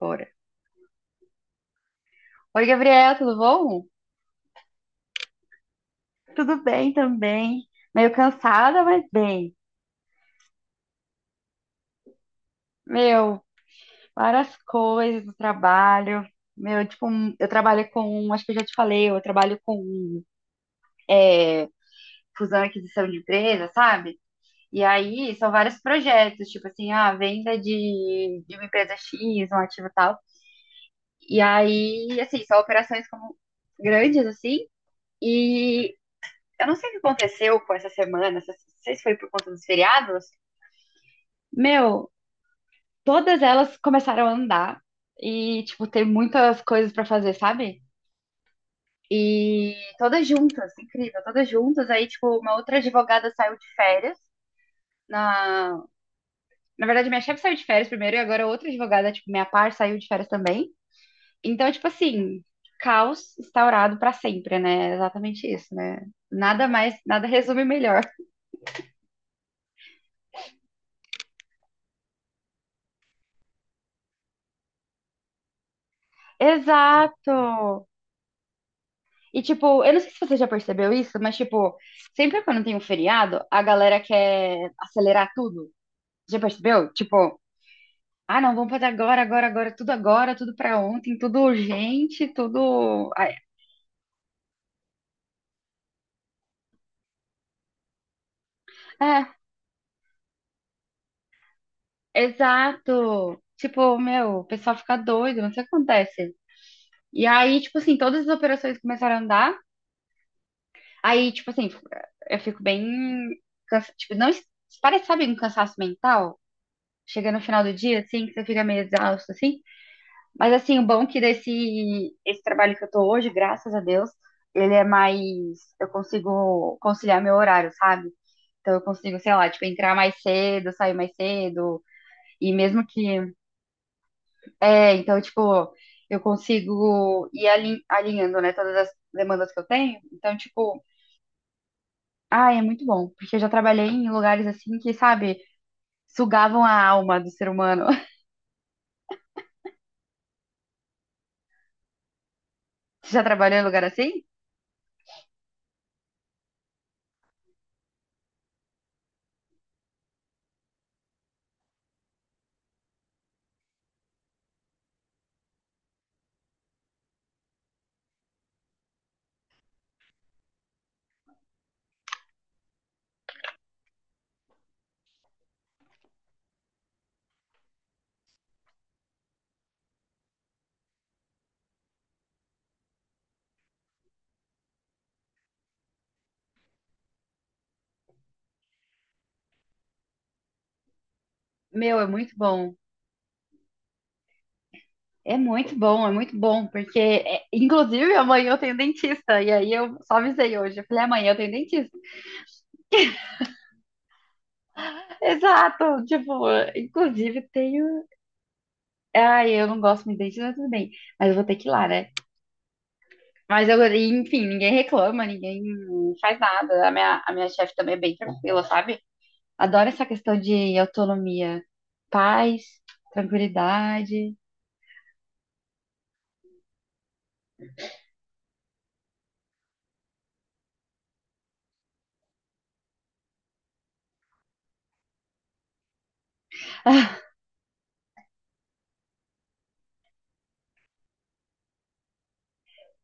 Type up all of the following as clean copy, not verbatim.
Bora. Oi, Gabriela, tudo bom? Tudo bem também. Meio cansada, mas bem. Meu, várias coisas do trabalho. Meu, tipo, eu trabalho com, acho que eu já te falei, eu trabalho com é, fusão e aquisição de empresa, sabe? E aí são vários projetos, tipo assim, a venda de uma empresa X, um ativo tal. E aí, assim, são operações como grandes, assim. E eu não sei o que aconteceu com essa semana, não sei se foi por conta dos feriados. Meu, todas elas começaram a andar e, tipo, ter muitas coisas pra fazer, sabe? E todas juntas, incrível, todas juntas. Aí, tipo, uma outra advogada saiu de férias. Na... Na verdade, minha chefe saiu de férias primeiro e agora outra advogada, tipo, minha par saiu de férias também. Então, tipo assim, caos instaurado pra sempre, né? É exatamente isso, né? Nada mais, nada resume melhor. Exato! E, tipo, eu não sei se você já percebeu isso, mas, tipo, sempre quando tem um feriado, a galera quer acelerar tudo. Já percebeu? Tipo, ah, não, vamos fazer agora, agora, agora, tudo pra ontem, tudo urgente, tudo. Ai, é, exato. Tipo, meu, o pessoal fica doido, não sei o que acontece. E aí, tipo assim, todas as operações começaram a andar. Aí, tipo assim, eu fico bem. Cansa... Tipo, não. es- Parece, sabe, um cansaço mental? Chega no final do dia, assim, que você fica meio exausto, assim. Mas assim, o bom é que desse esse trabalho que eu tô hoje, graças a Deus, ele é mais. Eu consigo conciliar meu horário, sabe? Então eu consigo, sei lá, tipo, entrar mais cedo, sair mais cedo. E mesmo que. É, então, tipo, eu consigo ir alinhando, né, todas as demandas que eu tenho. Então, tipo, ah, é muito bom. Porque eu já trabalhei em lugares assim que, sabe, sugavam a alma do ser humano. Você já trabalhou em lugar assim? Meu, é muito bom. É muito bom, é muito bom, porque, é, inclusive, amanhã eu tenho dentista, e aí eu só avisei hoje, eu falei, amanhã eu tenho dentista. Exato, tipo, inclusive tenho. Ai, eu não gosto muito de dentista, mas tudo bem, mas eu vou ter que ir lá, né? Mas eu, enfim, ninguém reclama, ninguém faz nada. A minha chefe também é bem tranquila, sabe? Adoro essa questão de autonomia, paz, tranquilidade.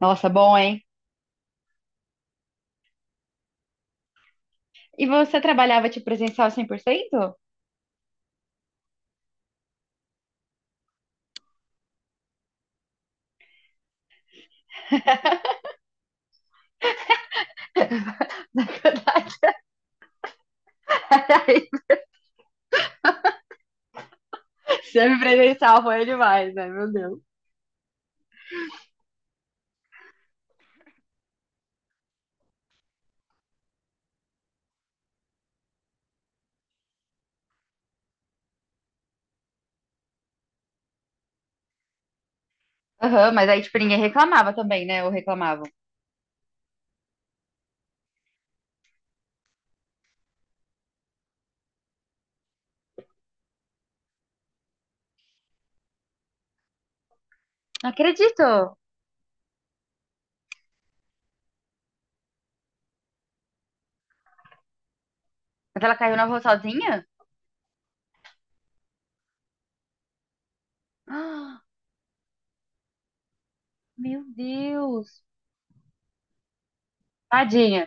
Nossa, bom, hein? E você trabalhava de presencial 100%? Semipresencial foi demais, né? Meu Deus. Aham, mas aí, tipo, ninguém reclamava também, né? Ou reclamavam. Não acredito! Mas ela caiu na rua sozinha? Ah, meu Deus! Tadinha.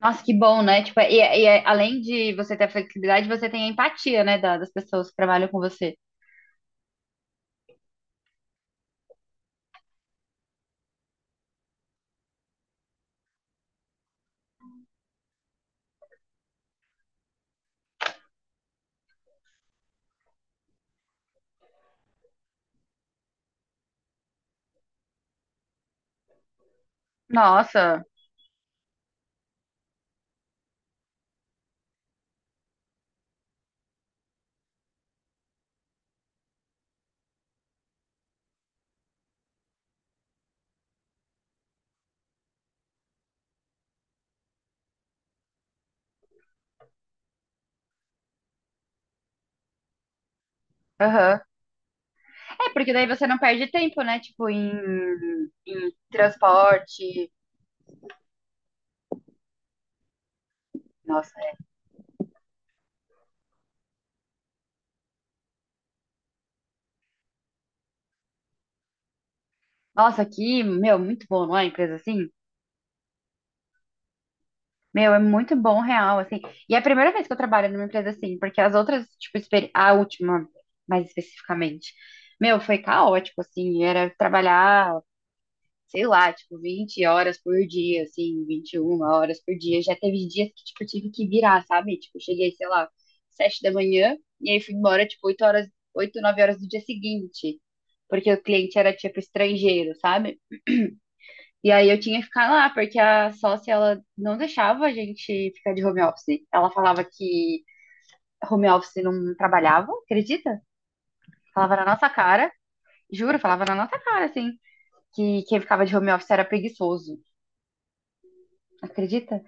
Nossa, que bom, né? Tipo, e além de você ter a flexibilidade, você tem a empatia, né? Das pessoas que trabalham com você. Nossa, aham. É, porque daí você não perde tempo, né? Tipo, em transporte. Nossa, nossa, aqui, meu, muito bom, não é? Empresa assim? Meu, é muito bom, real, assim. E é a primeira vez que eu trabalho numa empresa assim, porque as outras, tipo, a última, mais especificamente, meu, foi caótico, assim. Era trabalhar, sei lá, tipo, 20 horas por dia, assim, 21 horas por dia. Já teve dias que, tipo, eu tive que virar, sabe? Tipo, eu cheguei, sei lá, 7 da manhã, e aí fui embora, tipo, 8 horas, 8, 9 horas do dia seguinte, porque o cliente era, tipo, estrangeiro, sabe? E aí eu tinha que ficar lá, porque a sócia, ela não deixava a gente ficar de home office. Ela falava que home office não trabalhava, acredita? Falava na nossa cara, juro, falava na nossa cara, assim, que quem ficava de home office era preguiçoso, acredita?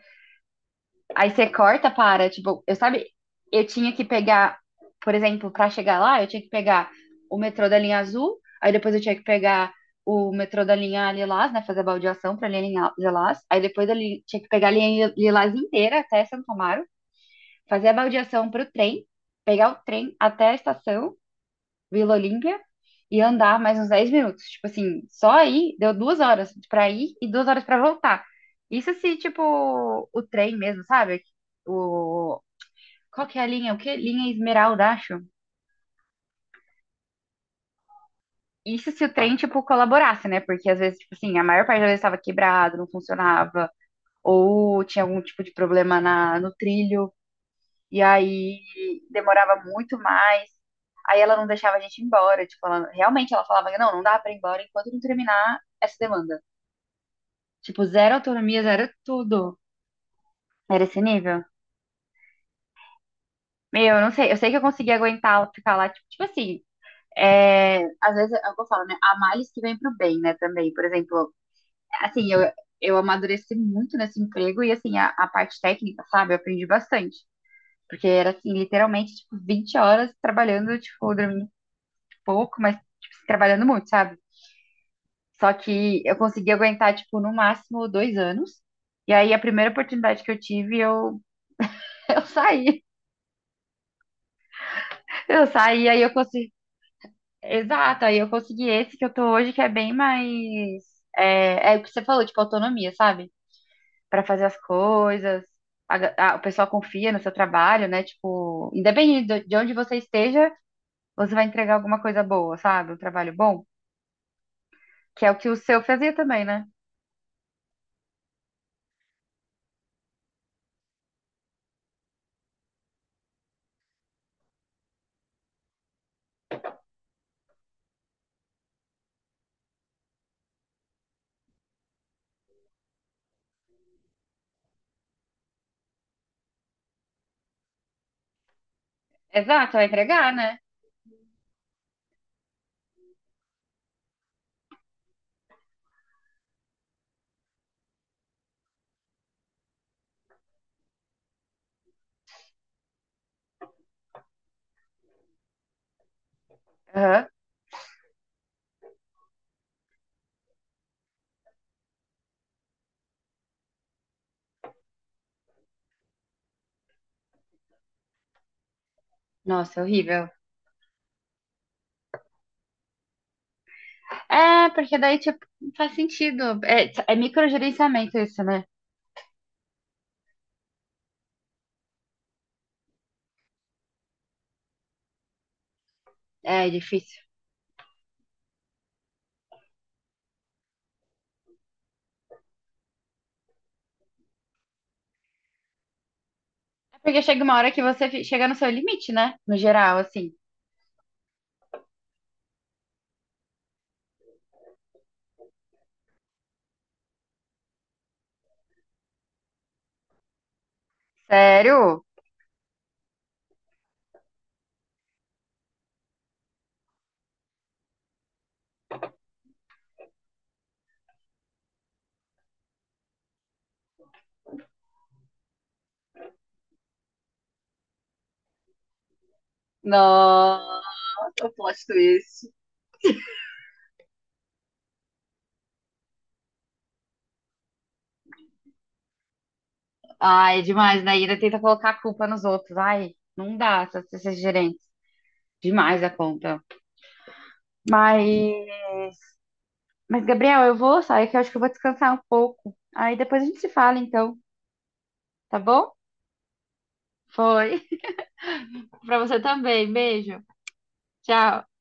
Aí você corta, para, tipo, eu sabe, eu tinha que pegar, por exemplo, pra chegar lá, eu tinha que pegar o metrô da linha azul, aí depois eu tinha que pegar o metrô da linha Lilás, né, fazer a baldeação pra linha Lilás, aí depois eu tinha que pegar a linha Lilás inteira até Santo Amaro, fazer a baldeação pro trem, pegar o trem até a estação, Vila Olímpia e andar mais uns 10 minutos. Tipo assim, só aí deu 2 horas pra ir e 2 horas pra voltar. Isso se, tipo, o trem mesmo, sabe? O... Qual que é a linha? O que? Linha Esmeralda, acho. Isso se o trem, tipo, colaborasse, né? Porque às vezes, tipo assim, a maior parte das vezes estava quebrado, não funcionava, ou tinha algum tipo de problema no trilho. E aí demorava muito mais. Aí ela não deixava a gente ir embora. Tipo, ela, realmente ela falava, não, não dá pra ir embora enquanto não terminar essa demanda. Tipo, zero autonomia, zero tudo. Era esse nível. Meu, eu não sei. Eu sei que eu consegui aguentar ficar lá, tipo, É, às vezes é o que eu falo, né? Há males que vem pro bem, né? Também, por exemplo, assim, eu amadureci muito nesse emprego e, assim, a parte técnica, sabe? Eu aprendi bastante. Porque era, assim, literalmente, tipo, 20 horas trabalhando, tipo, dormindo pouco, mas tipo, assim, trabalhando muito, sabe? Só que eu consegui aguentar, tipo, no máximo 2 anos. E aí a primeira oportunidade que eu tive, eu, eu saí. Eu saí, aí eu consegui. Exato, aí eu consegui esse que eu tô hoje, que é bem mais. É o que você falou, tipo, autonomia, sabe? Pra fazer as coisas. O pessoal confia no seu trabalho, né? Tipo, independente de onde você esteja, você vai entregar alguma coisa boa, sabe? Um trabalho bom, que é o que o seu fazia também, né? Exato, vai entregar, né? Aham. Nossa, é horrível. É, porque daí, tipo, não faz sentido. É microgerenciamento isso, né? É difícil. É porque chega uma hora que você chega no seu limite, né? No geral, assim. Sério? Nossa, o plot twist. Ai, é demais, né? E ainda tenta colocar a culpa nos outros. Ai, não dá, esses gerentes. Demais a conta. Mas, mas, Gabriel, eu vou sair que eu acho que eu vou descansar um pouco. Aí depois a gente se fala, então, tá bom? Foi. Pra você também. Beijo. Tchau.